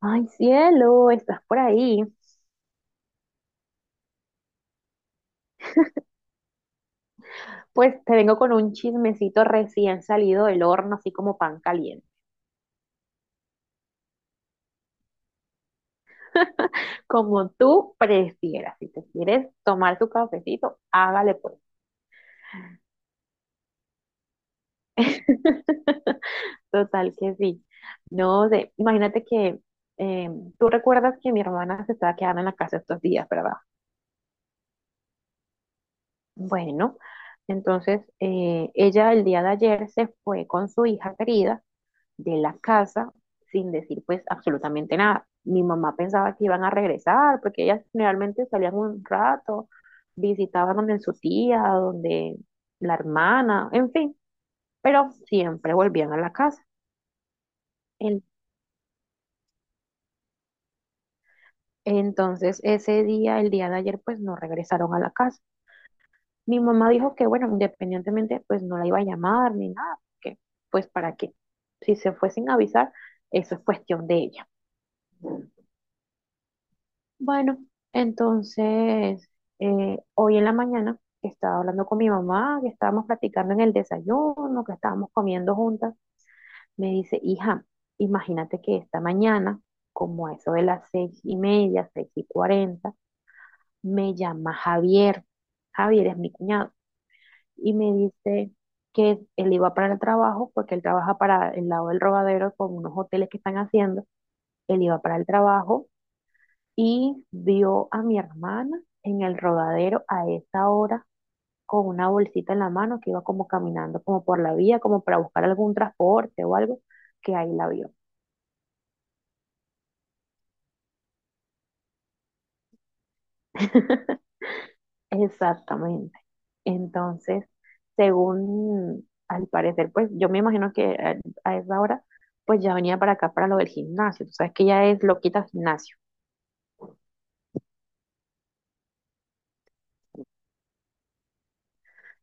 Ay, cielo, estás por ahí. Pues te vengo con un chismecito recién salido del horno, así como pan caliente. Como tú prefieras. Si te quieres tomar tu cafecito, hágale pues. Total que sí. No sé, imagínate que eh, tú recuerdas que mi hermana se estaba quedando en la casa estos días, ¿verdad? Bueno, entonces ella el día de ayer se fue con su hija querida de la casa sin decir pues absolutamente nada. Mi mamá pensaba que iban a regresar porque ellas generalmente salían un rato, visitaban donde su tía, donde la hermana, en fin, pero siempre volvían a la casa. En- entonces ese día, el día de ayer, pues no regresaron a la casa. Mi mamá dijo que bueno, independientemente pues no la iba a llamar ni nada, porque pues para qué. Si se fue sin avisar, eso es cuestión de ella. Bueno, entonces, hoy en la mañana estaba hablando con mi mamá, que estábamos platicando en el desayuno, que estábamos comiendo juntas, me dice, hija, imagínate que esta mañana, como a eso de las 6:30, 6:40, me llama Javier. Javier es mi cuñado. Y me dice que él iba para el trabajo, porque él trabaja para el lado del Rodadero con unos hoteles que están haciendo. Él iba para el trabajo y vio a mi hermana en el rodadero a esa hora con una bolsita en la mano que iba como caminando como por la vía, como para buscar algún transporte o algo, que ahí la vio. Exactamente. Entonces, según al parecer, pues yo me imagino que a esa hora, pues ya venía para acá para lo del gimnasio. Tú sabes que ella es loquita al gimnasio.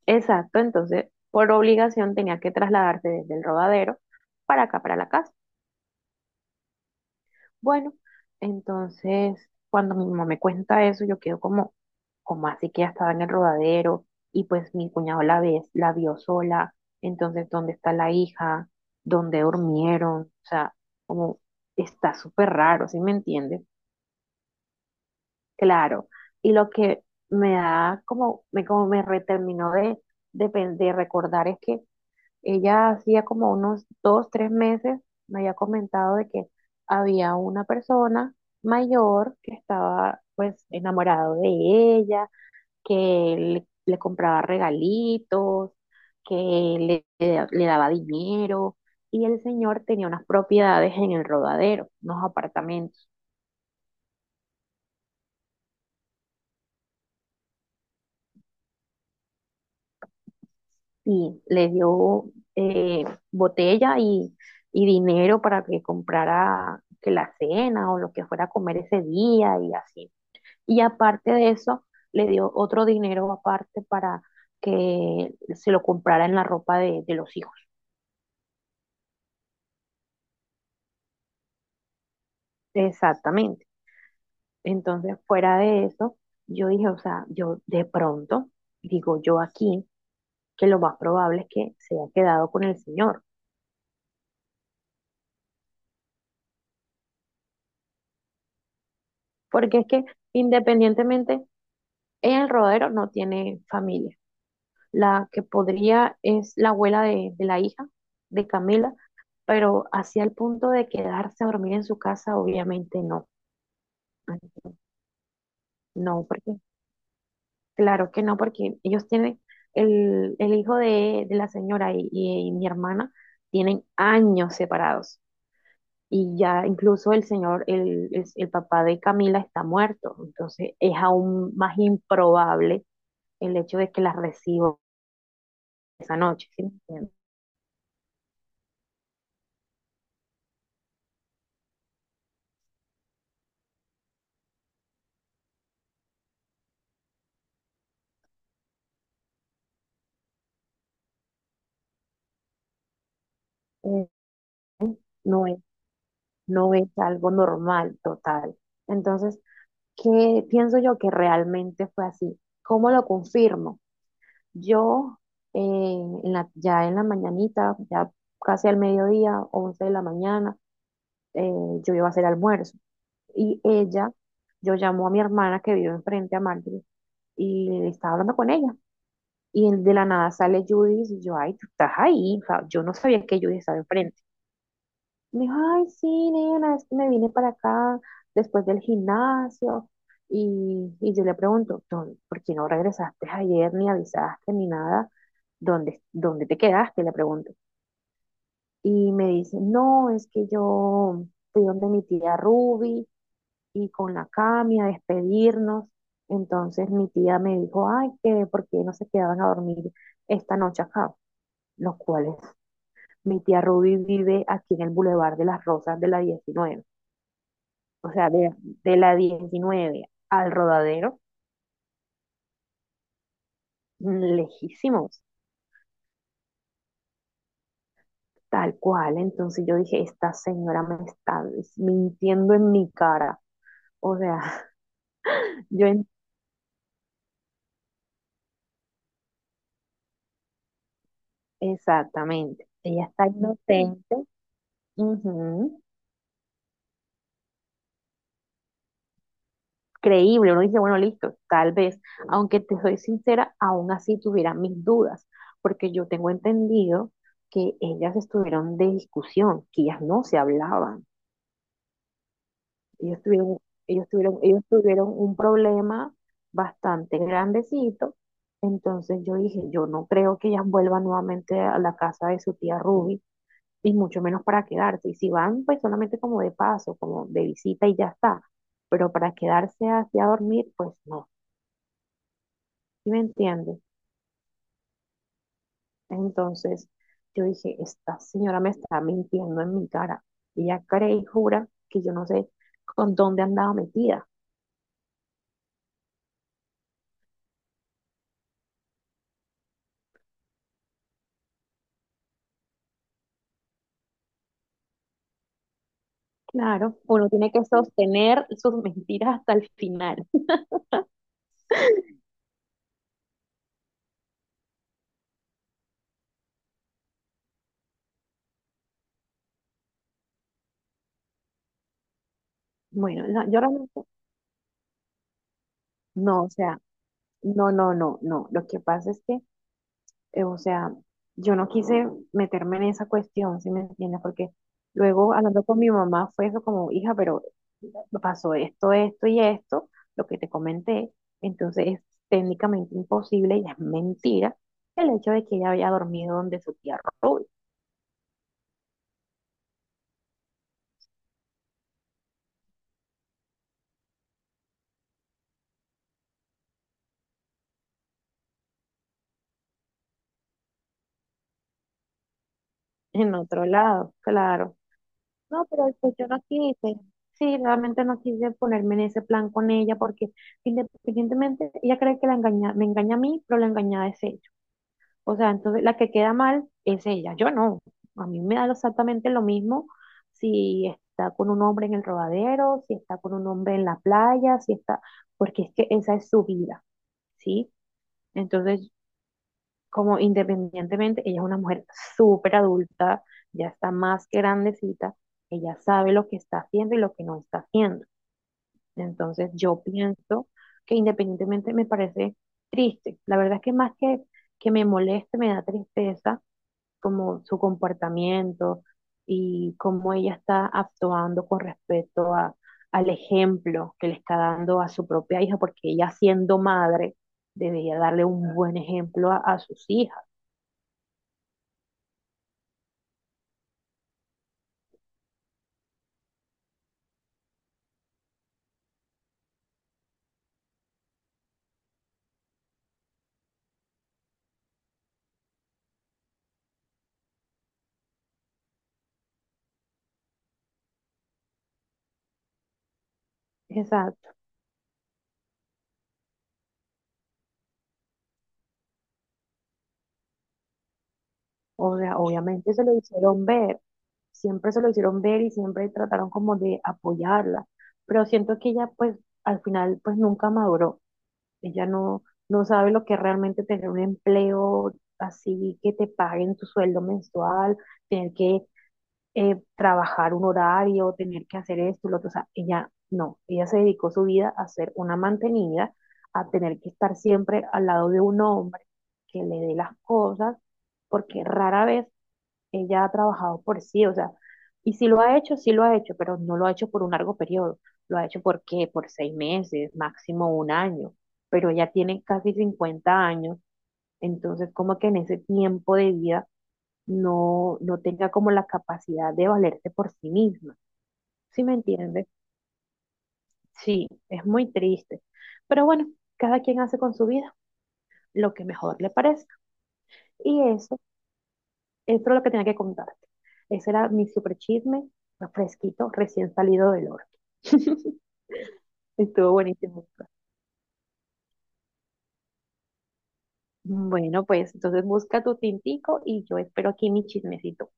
Exacto, entonces por obligación tenía que trasladarse desde el rodadero para acá, para la casa. Bueno, entonces cuando mi mamá me cuenta eso, yo quedo como, como así que ya estaba en el rodadero y pues mi cuñado la ve, la vio sola, entonces ¿dónde está la hija? ¿Dónde durmieron? O sea, como está súper raro, ¿sí me entiendes? Claro. Y lo que me da como, como me reterminó de, de recordar es que ella hacía como unos dos, tres meses me había comentado de que había una persona mayor que estaba pues enamorado de ella, que le compraba regalitos, que le daba dinero y el señor tenía unas propiedades en el Rodadero, unos apartamentos y le dio eh, botella y dinero para que comprara que la cena o lo que fuera a comer ese día y así. Y aparte de eso, le dio otro dinero aparte para que se lo comprara en la ropa de los hijos. Exactamente. Entonces, fuera de eso, yo dije, o sea, yo de pronto, digo yo aquí, que lo más probable es que se haya quedado con el señor, porque es que independientemente, ella en el rodero no tiene familia. La que podría es la abuela de la hija, de Camila, pero hacia el punto de quedarse a dormir en su casa, obviamente no. Ay, no, porque, claro que no, porque ellos tienen, el hijo de la señora y mi hermana tienen años separados. Y ya incluso el señor, el papá de Camila está muerto. Entonces es aún más improbable el hecho de que la reciba esa noche, ¿sí me entiendes? Eh, no es, no es algo normal, total. Entonces, ¿qué pienso yo que realmente fue así? ¿Cómo lo confirmo? Yo eh, ya en la mañanita, ya casi al mediodía, 11 de la mañana, eh, yo iba a hacer almuerzo. Y ella, yo llamo a mi hermana que vive enfrente a Marjorie y estaba hablando con ella. Y de la nada sale Judith y yo, ay, tú estás ahí. O sea, yo no sabía que Judith estaba enfrente. Me dijo, ay, sí, nena, es que me vine para acá después del gimnasio. Y yo le pregunto, "Don, ¿por qué no regresaste ayer, ni avisaste, ni nada? ¿Dónde te quedaste? Le pregunto. Y me dice, no, es que yo fui donde mi tía Ruby y con la Cami a despedirnos. Entonces mi tía me dijo, ay, que por qué no se quedaban a dormir esta noche acá, los cuales mi tía Ruby vive aquí en el Boulevard de las Rosas de la 19. O sea, de la 19 al rodadero, lejísimos, tal cual. Entonces yo dije, esta señora me está mintiendo en mi cara. O sea, yo en- exactamente. Ella está inocente, ujú, creíble. Uno dice, bueno, listo, tal vez. Aunque te soy sincera, aún así tuviera mis dudas, porque yo tengo entendido que ellas estuvieron de discusión, que ellas no se hablaban. Ellos tuvieron, ellos tuvieron un problema bastante grandecito. Entonces yo dije, yo no creo que ellas vuelvan nuevamente a la casa de su tía Ruby, y mucho menos para quedarse. Y si van, pues solamente como de paso, como de visita y ya está. Pero para quedarse así a dormir, pues no. ¿Sí me entiendes? Entonces yo dije, esta señora me está mintiendo en mi cara. Ella cree y jura que yo no sé con dónde andaba metida. Claro, uno tiene que sostener sus mentiras hasta el final. Bueno, no, yo realmente, no, o sea, no, no, no, no. Lo que pasa es que, o sea, yo no quise meterme en esa cuestión, ¿si me entiendes? Porque luego hablando con mi mamá fue eso como, hija, pero pasó esto, esto y esto, lo que te comenté, entonces es técnicamente imposible y es mentira el hecho de que ella había dormido donde su tía Ruby, en otro lado, claro. No, pero pues yo no quise. Sí, realmente no quise ponerme en ese plan con ella porque independientemente, ella cree que la engaña, me engaña a mí, pero la engañada es ella. O sea, entonces la que queda mal es ella, yo no. A mí me da exactamente lo mismo si está con un hombre en el rodadero, si está con un hombre en la playa, si está, porque es que esa es su vida, ¿sí? Entonces como independientemente, ella es una mujer súper adulta, ya está más que grandecita, ella sabe lo que está haciendo y lo que no está haciendo. Entonces yo pienso que independientemente me parece triste. La verdad es que más que, me moleste, me da tristeza como su comportamiento y cómo ella está actuando con respecto a, al ejemplo que le está dando a su propia hija, porque ella siendo madre debería darle un buen ejemplo a sus hijas. Exacto. O sea, obviamente se lo hicieron ver, siempre se lo hicieron ver y siempre trataron como de apoyarla, pero siento que ella pues al final pues nunca maduró. Ella no, no sabe lo que es realmente tener un empleo así que te paguen tu sueldo mensual, tener que trabajar un horario, tener que hacer esto, lo otro. O sea, ella no, ella se dedicó su vida a ser una mantenida, a tener que estar siempre al lado de un hombre que le dé las cosas, porque rara vez ella ha trabajado por sí, o sea, y si lo ha hecho, sí lo ha hecho, pero no lo ha hecho por un largo periodo, lo ha hecho por qué, por 6 meses, máximo un año, pero ella tiene casi 50 años, entonces como que en ese tiempo de vida no, no tenga como la capacidad de valerse por sí misma. ¿Sí me entiendes? Sí, es muy triste. Pero bueno, cada quien hace con su vida lo que mejor le parece. Y eso es lo que tenía que contarte. Ese era mi super chisme, fresquito, recién salido del horno. Estuvo buenísimo. Bueno, pues entonces busca tu tintico y yo espero aquí mi chismecito.